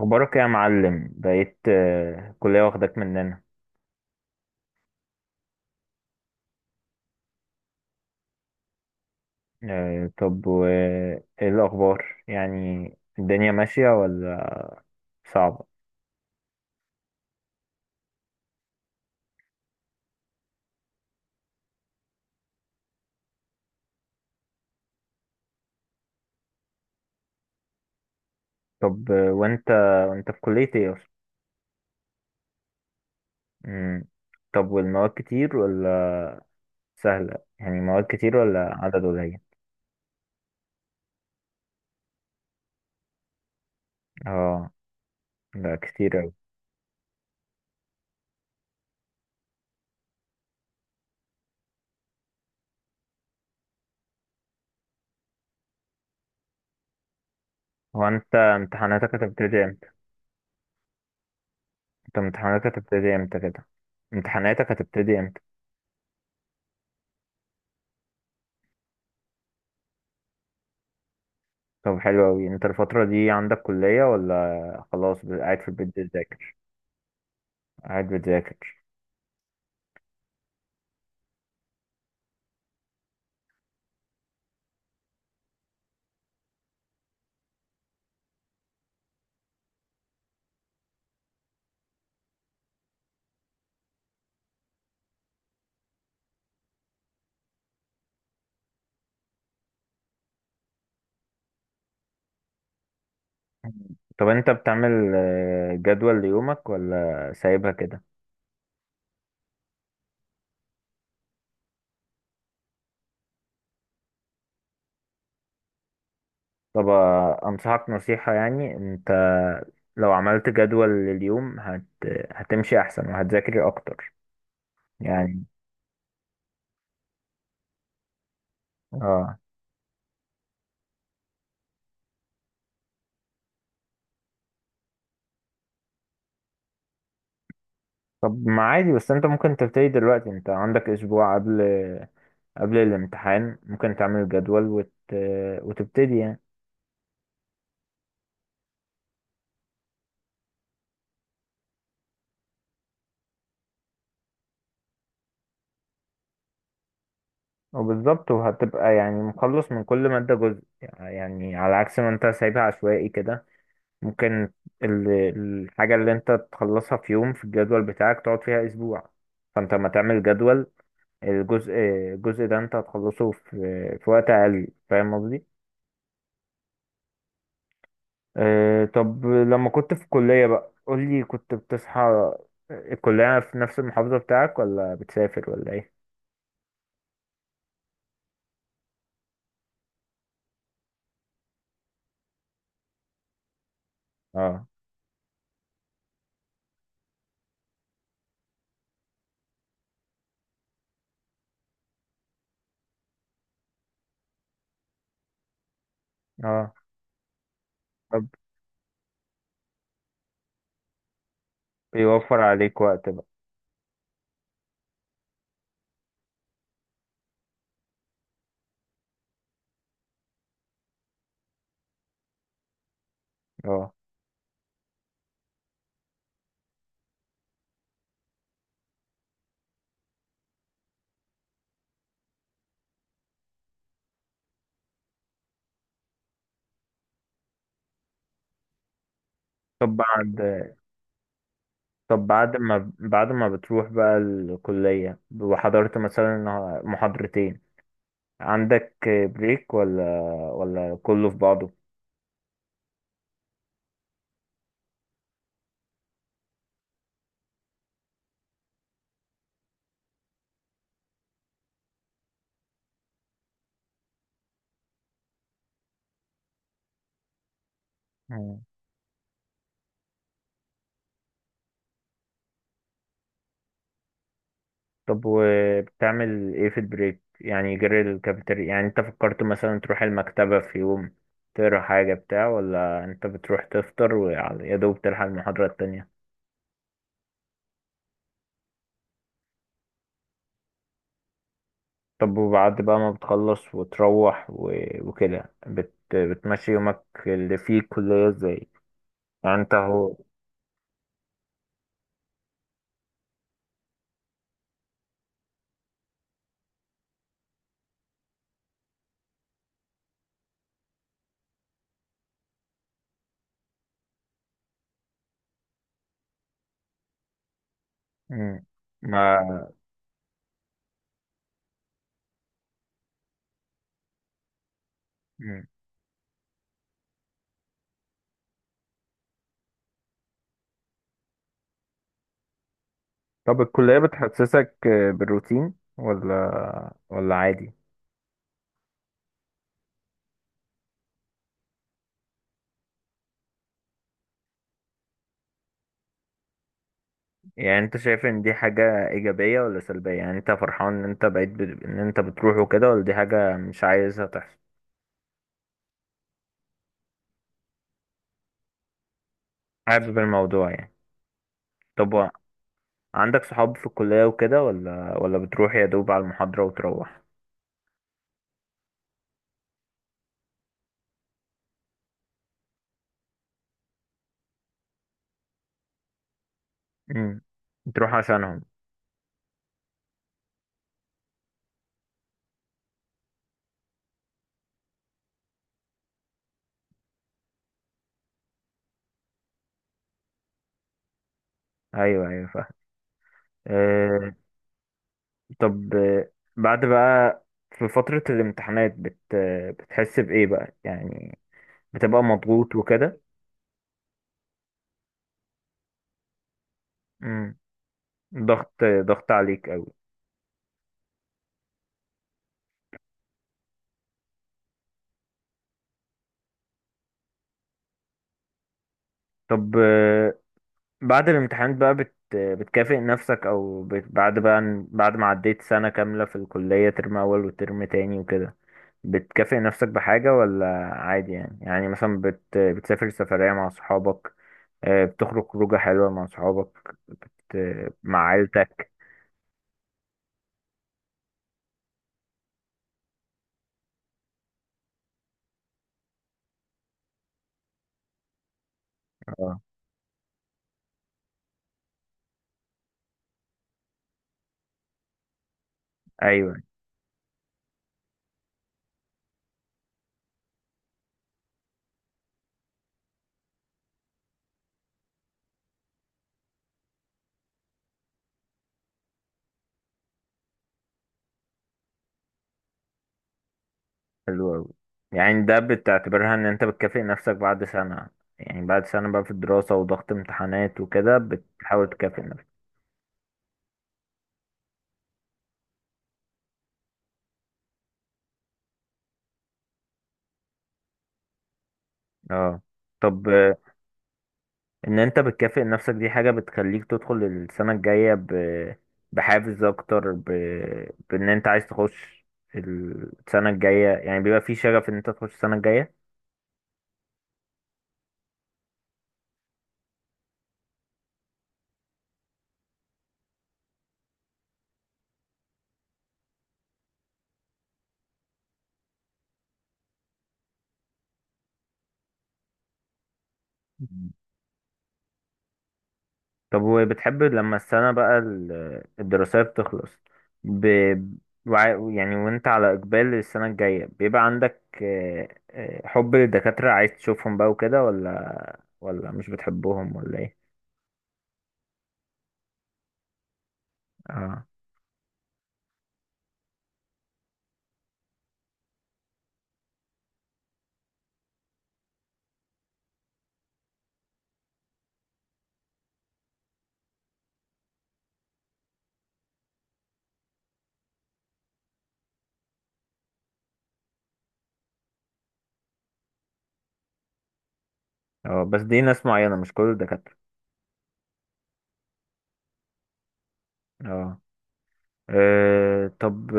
اخبارك إيه يا معلم بقيت كلية واخدك مننا. طب وايه الاخبار؟ يعني الدنيا ماشية ولا صعبة؟ طب وانت في كلية ايه اصلا؟ مم. طب والمواد كتير ولا سهلة؟ يعني مواد كتير ولا عدد قليل؟ اه، ده كتير اوي. هو انت امتحاناتك هتبتدي امتى؟ انت امتحاناتك هتبتدي امتى كده؟ امتحاناتك هتبتدي امتى؟ طب حلو اوي، انت الفترة دي عندك كلية ولا خلاص قاعد في البيت بتذاكر؟ قاعد بتذاكر؟ طب انت بتعمل جدول ليومك ولا سايبها كده؟ طب انصحك نصيحة، يعني انت لو عملت جدول لليوم هتمشي احسن وهتذاكر اكتر، يعني. اه. طب ما عادي، بس انت ممكن تبتدي دلوقتي، انت عندك اسبوع قبل، قبل الامتحان ممكن تعمل جدول وتبتدي يعني. وبالظبط، وهتبقى يعني مخلص من كل مادة جزء، يعني على عكس ما انت سايبها عشوائي كده. ممكن الحاجة اللي انت تخلصها في يوم في الجدول بتاعك تقعد فيها اسبوع، فانت لما تعمل جدول الجزء الجزء ده انت هتخلصه في وقت اقل، فاهم قصدي؟ اه. طب لما كنت في الكلية بقى قولي، كنت بتصحى؟ الكلية في نفس المحافظة بتاعك ولا بتسافر ولا ايه؟ اه، اه. طب بيوفر عليك وقت بقى. اه. طب بعد طب بعد ما بتروح بقى الكلية وحضرت مثلا محاضرتين، عندك بريك ولا كله في بعضه؟ مم. طب وبتعمل ايه في البريك؟ يعني جري الكافيتيريا؟ يعني انت فكرت مثلا تروح المكتبة في يوم تقرا حاجة بتاع ولا انت بتروح تفطر ويا دوب تلحق المحاضرة التانية؟ طب وبعد بقى ما بتخلص وتروح وكده بتمشي يومك اللي فيه الكلية ازاي، يعني انت هو؟ مم. ما مم. طب الكلية بتحسسك بالروتين ولا عادي؟ يعني انت شايف ان دي حاجة ايجابية ولا سلبية؟ يعني انت فرحان ان انت بقيت ان انت بتروح وكده، ولا دي حاجة مش عايزها تحصل؟ حابب الموضوع يعني؟ طب عندك صحاب في الكلية وكده ولا بتروح يا دوب على المحاضرة وتروح؟ امم بتروح عشانهم؟ ايوه، ايوه، فاهم. اه. طب بعد بقى في فترة الامتحانات بتحس بإيه بقى يعني؟ بتبقى مضغوط وكده؟ امم ضغط ضغط عليك قوي. طب بعد الامتحانات بقى بتكافئ نفسك او بعد ما عديت سنة كاملة في الكلية، ترم اول وترم تاني وكده، بتكافئ نفسك بحاجة ولا عادي؟ يعني يعني مثلا بتسافر سفرية مع صحابك، بتخرج خروجة حلوة مع صحابك، مع عيلتك؟ اه، ايوه، حلو أوي. يعني ده بتعتبرها ان انت بتكافئ نفسك بعد سنة؟ يعني بعد سنة بقى في الدراسة وضغط امتحانات وكده بتحاول تكافئ نفسك. اه. طب ان انت بتكافئ نفسك دي حاجة بتخليك تدخل السنة الجاية بحافز اكتر، بان انت عايز تخش السنة الجاية، يعني بيبقى في شغف ان انت تخش السنة الجاية. مم. طب وبتحب لما السنة بقى الدراسية بتخلص، ب... يعني وانت على اقبال السنة الجاية بيبقى عندك حب للدكاترة، عايز تشوفهم بقى وكده، ولا ولا مش بتحبهم ولا ايه؟ اه. اه، بس دي ناس معينة مش كل الدكاترة. اه. طب،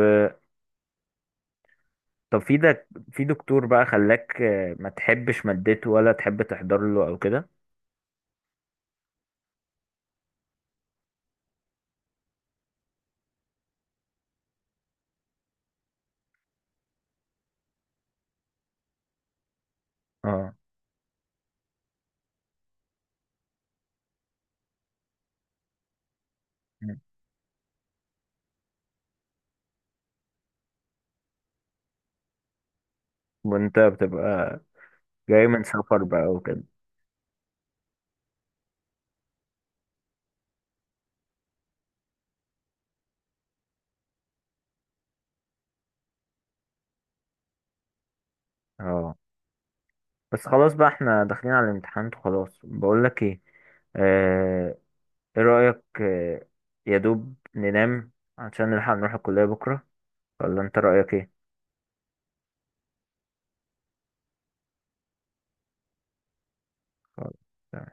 طب في ده في دكتور بقى خلاك ما تحبش مادته ولا تحب تحضر له او كده؟ اه، وانت بتبقى جاي من سفر بقى وكده. اه، بس خلاص بقى، احنا داخلين على الامتحانات وخلاص. بقول لك ايه، آه، ايه رأيك يا دوب ننام عشان نلحق نروح الكلية بكرة، ولا انت رأيك ايه؟ خلاص.